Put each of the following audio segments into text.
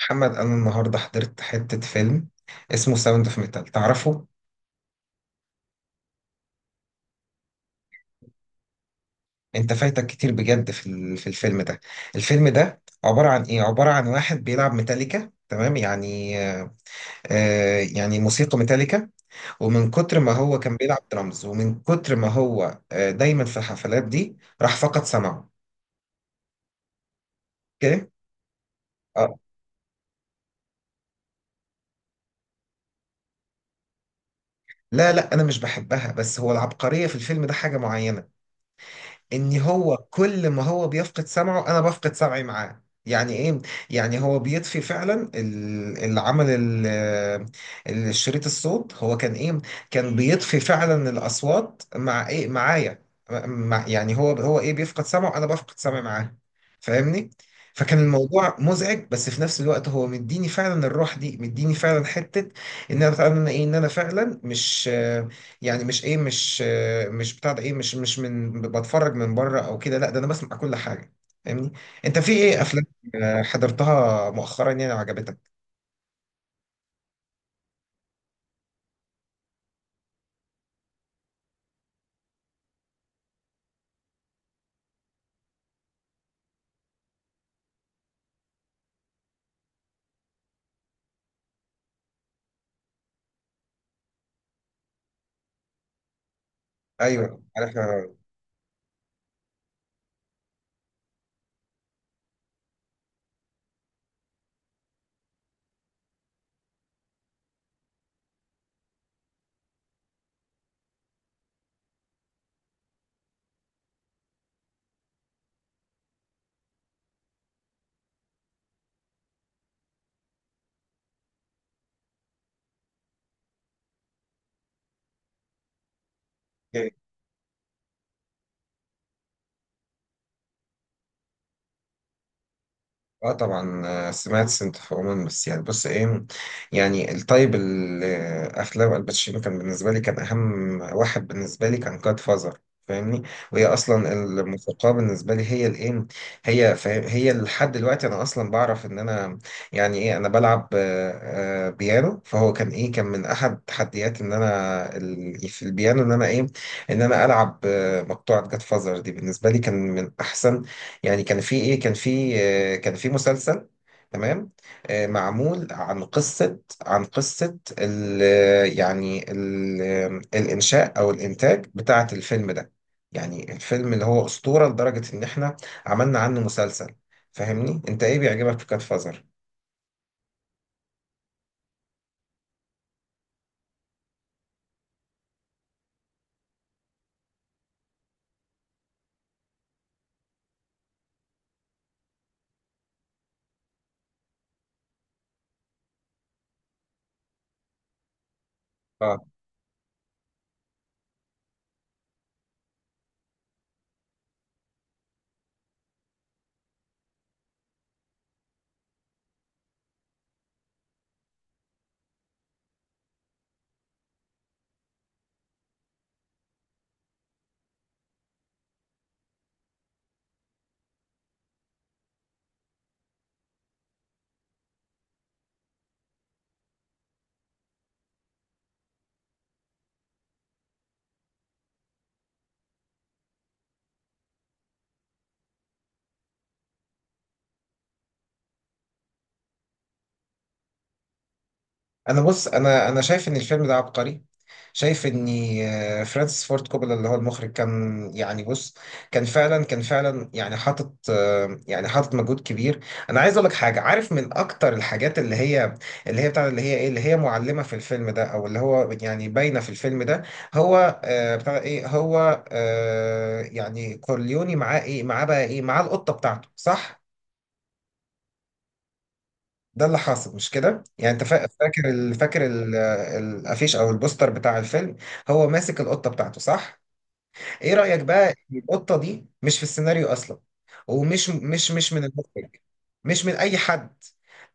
محمد، انا النهارده حضرت حته فيلم اسمه ساوند اوف ميتال، تعرفه؟ انت فايتك كتير بجد في الفيلم ده. الفيلم ده عباره عن واحد بيلعب ميتاليكا، تمام يعني؟ يعني موسيقى ميتاليكا. ومن كتر ما هو كان بيلعب درامز، ومن كتر ما هو دايما في الحفلات دي راح فقد سمعه. اوكي. اه. لا لا، انا مش بحبها، بس هو العبقريه في الفيلم ده حاجه معينه. ان هو كل ما هو بيفقد سمعه انا بفقد سمعي معاه، يعني ايه؟ يعني هو بيطفي فعلا اللي عمل الشريط الصوت، هو كان ايه كان بيطفي فعلا الاصوات مع ايه، معايا. مع، يعني هو هو ايه بيفقد سمعه انا بفقد سمعي معاه، فاهمني؟ فكان الموضوع مزعج، بس في نفس الوقت هو مديني فعلا الروح دي، مديني فعلا حتة. ان انا فعلا مش يعني مش ايه مش آه، مش بتاع ده ايه مش مش من بتفرج من بره او كده، لا، ده انا بسمع كل حاجه، فاهمني؟ انت في ايه افلام حضرتها مؤخرا يعني وعجبتك؟ ايوه عارفها. اه طبعا، سمعت سنت اوف وومن، بس يعني بص ايه. يعني الطيب الافلام الباتشينو كان اهم واحد بالنسبه لي كان جاد فازر، فاهمني. وهي اصلا الموسيقى بالنسبه لي هي الايه، هي، فاهم؟ هي لحد دلوقتي انا اصلا بعرف ان انا، يعني ايه، انا بلعب بيانو، فهو كان من احد تحديات ان انا يعني في البيانو ان انا ايه، ان انا العب مقطوعه جاد فازر دي، بالنسبه لي كان من احسن. يعني كان في مسلسل، تمام. معمول عن قصة ال يعني ال الإنشاء أو الإنتاج بتاعة الفيلم ده. يعني الفيلم اللي هو أسطورة لدرجة إن إحنا عملنا عنه مسلسل. فاهمني. أنت إيه بيعجبك في كات فازر؟ انا بص، انا شايف ان الفيلم ده عبقري، شايف ان فرانسيس فورد كوبولا اللي هو المخرج كان، يعني بص، كان فعلا يعني حاطط آه، يعني حاطط مجهود كبير. انا عايز اقول لك حاجه، عارف من اكتر الحاجات اللي هي اللي هي بتاع اللي هي اللي هي معلمه في الفيلم ده او اللي هو يعني باينه في الفيلم ده. هو آه، بتاع ايه هو آه، يعني كورليوني معاه ايه معاه بقى ايه معاه القطه بتاعته، صح؟ ده اللي حاصل مش كده، يعني انت فاكر الافيش او البوستر بتاع الفيلم. هو ماسك القطه بتاعته، صح؟ ايه رايك بقى إن القطه دي مش في السيناريو اصلا؟ ومش مش مش من المخرج، مش من اي حد.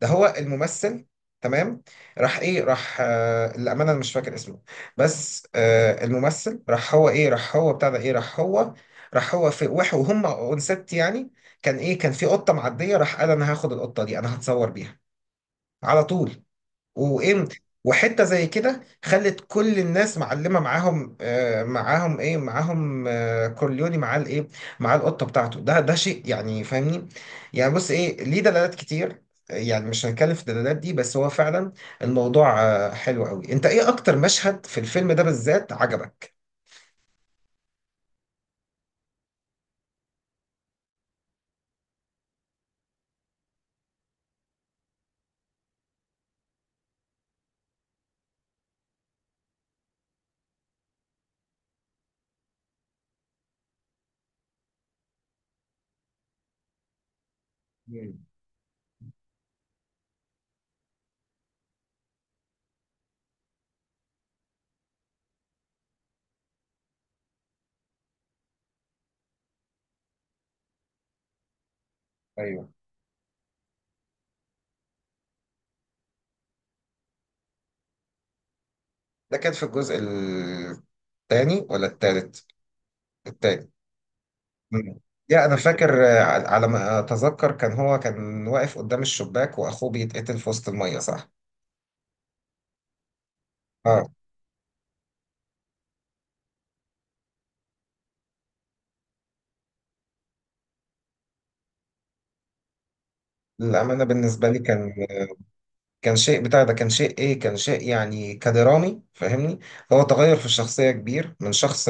ده هو الممثل، تمام. راح ايه راح آه للامانه انا مش فاكر اسمه. بس الممثل راح هو وهم اونست يعني. كان في قطه معديه، راح قال انا هاخد القطه دي انا هتصور بيها على طول. وامتى وحته زي كده خلت كل الناس معلمه معاهم آه معاهم ايه معاهم آه كورليوني مع القطه بتاعته. ده شيء يعني، فاهمني. يعني بص ايه، ليه دلالات كتير، يعني مش هنتكلم في الدلالات دي، بس هو فعلا الموضوع حلو قوي. انت ايه اكتر مشهد في الفيلم ده بالذات عجبك؟ مم. ايوه. ده كان في الجزء الثاني ولا الثالث؟ التاني. مم. يا انا فاكر، على ما اتذكر كان هو كان واقف قدام الشباك واخوه بيتقتل في وسط الميه، صح؟ اه. الامانه بالنسبه لي كان كان شيء بتاع ده كان شيء ايه كان شيء يعني كدرامي، فاهمني. هو تغير في الشخصية كبير، من شخص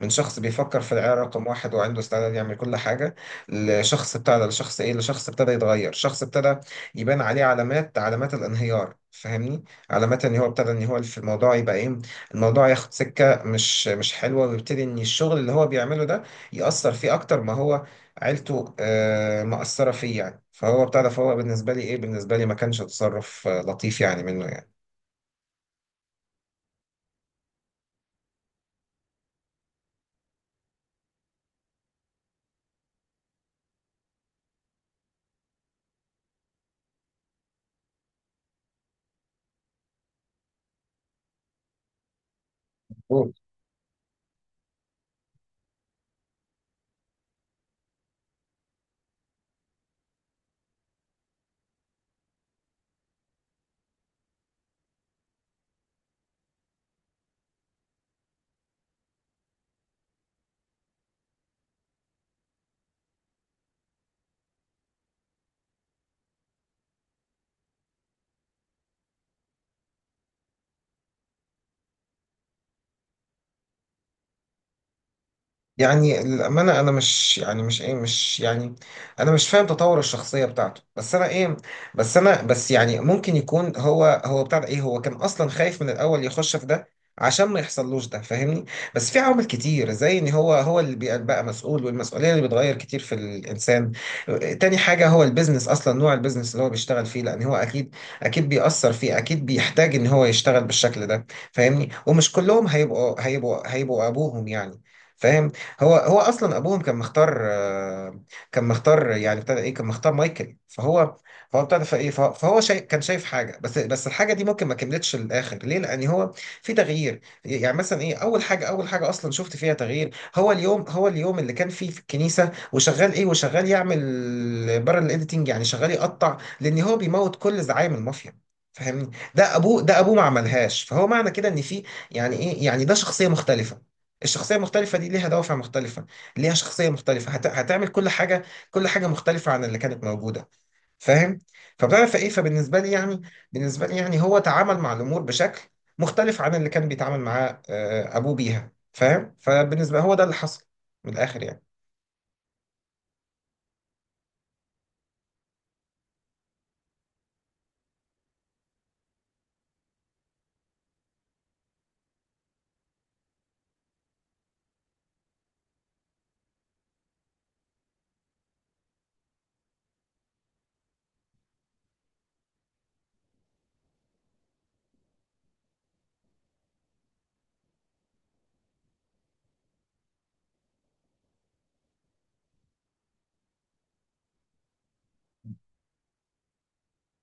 من شخص بيفكر في العيار رقم واحد وعنده استعداد يعمل كل حاجة، لشخص بتاع ده لشخص ايه لشخص ابتدى يتغير، شخص ابتدى يبان عليه علامات الانهيار، فاهمني. علامات ان هو ابتدى، ان هو في الموضوع يبقى ايه، الموضوع ياخد سكة مش حلوة، ويبتدي ان الشغل اللي هو بيعمله ده يأثر فيه اكتر ما هو عيلته مأثرة فيه، يعني. فهو بتاع ده فهو بالنسبة لي إيه، بالنسبة لي ما كانش تصرف لطيف يعني منه، يعني. يعني الأمانة، أنا مش يعني مش إيه مش يعني أنا مش فاهم تطور الشخصية بتاعته، بس أنا إيه، بس أنا بس يعني ممكن يكون هو هو بتاع ده إيه هو كان أصلا خايف من الأول يخش في ده عشان ما يحصلوش ده، فاهمني. بس في عوامل كتير، زي إن هو اللي بقى مسؤول، والمسؤولية اللي بتغير كتير في الإنسان. تاني حاجة، هو البيزنس أصلا نوع البيزنس اللي هو بيشتغل فيه، لأن هو أكيد بيأثر فيه، أكيد بيحتاج إن هو يشتغل بالشكل ده، فاهمني. ومش كلهم هيبقوا أبوهم، يعني، فاهم. هو اصلا ابوهم كان مختار، كان مختار يعني ابتدى ايه، كان مختار مايكل، فهو فهو ابتدى فايه فهو فهو شايف، كان شايف حاجه، بس الحاجه دي ممكن ما كملتش للاخر، ليه، لان هو في تغيير. يعني مثلا ايه، اول حاجه اصلا شفت فيها تغيير، هو اليوم اللي كان فيه في الكنيسه، وشغال ايه، وشغال يعمل بره الايديتنج، يعني شغال يقطع لان هو بيموت كل زعايم المافيا، فاهمني. ده ابوه ما عملهاش، فهو معنى كده ان في، يعني ايه، يعني ده شخصيه مختلفه. الشخصية المختلفة دي ليها دوافع مختلفة، ليها شخصية مختلفة، هتعمل كل حاجة، كل حاجة مختلفة عن اللي كانت موجودة، فاهم. فبتعرف ايه، فبالنسبة لي يعني بالنسبة لي يعني هو تعامل مع الأمور بشكل مختلف عن اللي كان بيتعامل معاه أبوه بيها، فاهم. فبالنسبة هو ده اللي حصل من الآخر، يعني.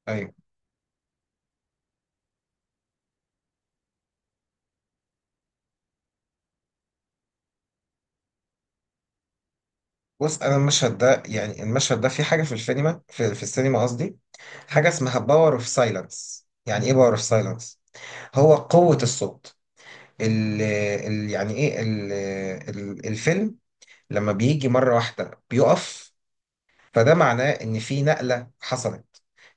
ايوه، بص، انا المشهد ده يعني المشهد ده في حاجه في السينما، في السينما قصدي. حاجه اسمها باور اوف سايلنس. يعني ايه باور اوف سايلنس؟ هو قوه الصوت. ال ال يعني ايه ال ال الفيلم لما بيجي مرة واحدة بيقف، فده معناه ان في نقلة حصلت،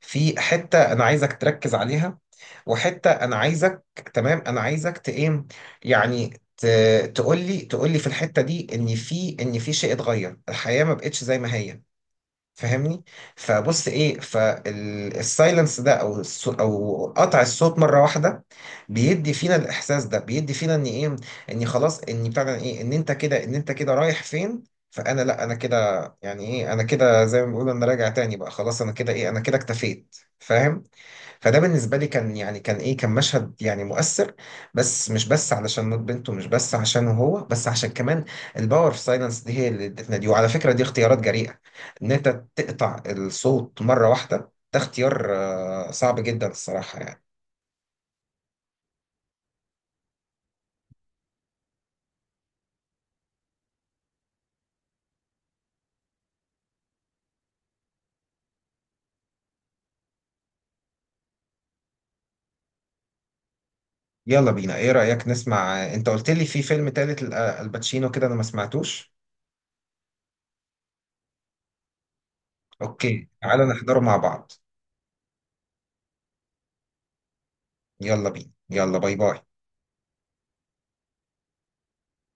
في حتة انا عايزك تركز عليها، وحتة انا عايزك تمام انا عايزك ت- ايه يعني تقول لي، في الحتة دي ان في، شيء اتغير، الحياة ما بقتش زي ما هي، فاهمني. فبص ايه، فالسايلنس ده او او قطع الصوت مره واحده بيدي فينا الاحساس ده، بيدي فينا ان ايه، ان خلاص، ان بتاع ده ايه ان انت كده رايح فين. فانا، لا، انا كده، يعني ايه، انا كده زي ما بيقولوا انا راجع تاني بقى، خلاص انا كده ايه، انا كده اكتفيت، فاهم. فده بالنسبة لي كان، يعني كان مشهد يعني مؤثر، بس مش بس علشان موت بنته، مش بس عشان هو، بس عشان كمان الباور في سايلنس دي، هي اللي ادتنا دي. وعلى فكرة دي اختيارات جريئة، إن أنت تقطع الصوت مرة واحدة، ده اختيار صعب جدا الصراحة، يعني. يلا بينا، إيه رأيك نسمع؟ أنت قلت لي في فيلم تالت الباتشينو كده، أنا ما سمعتوش. أوكي، تعالى نحضره مع بعض، يلا بينا، يلا، باي باي.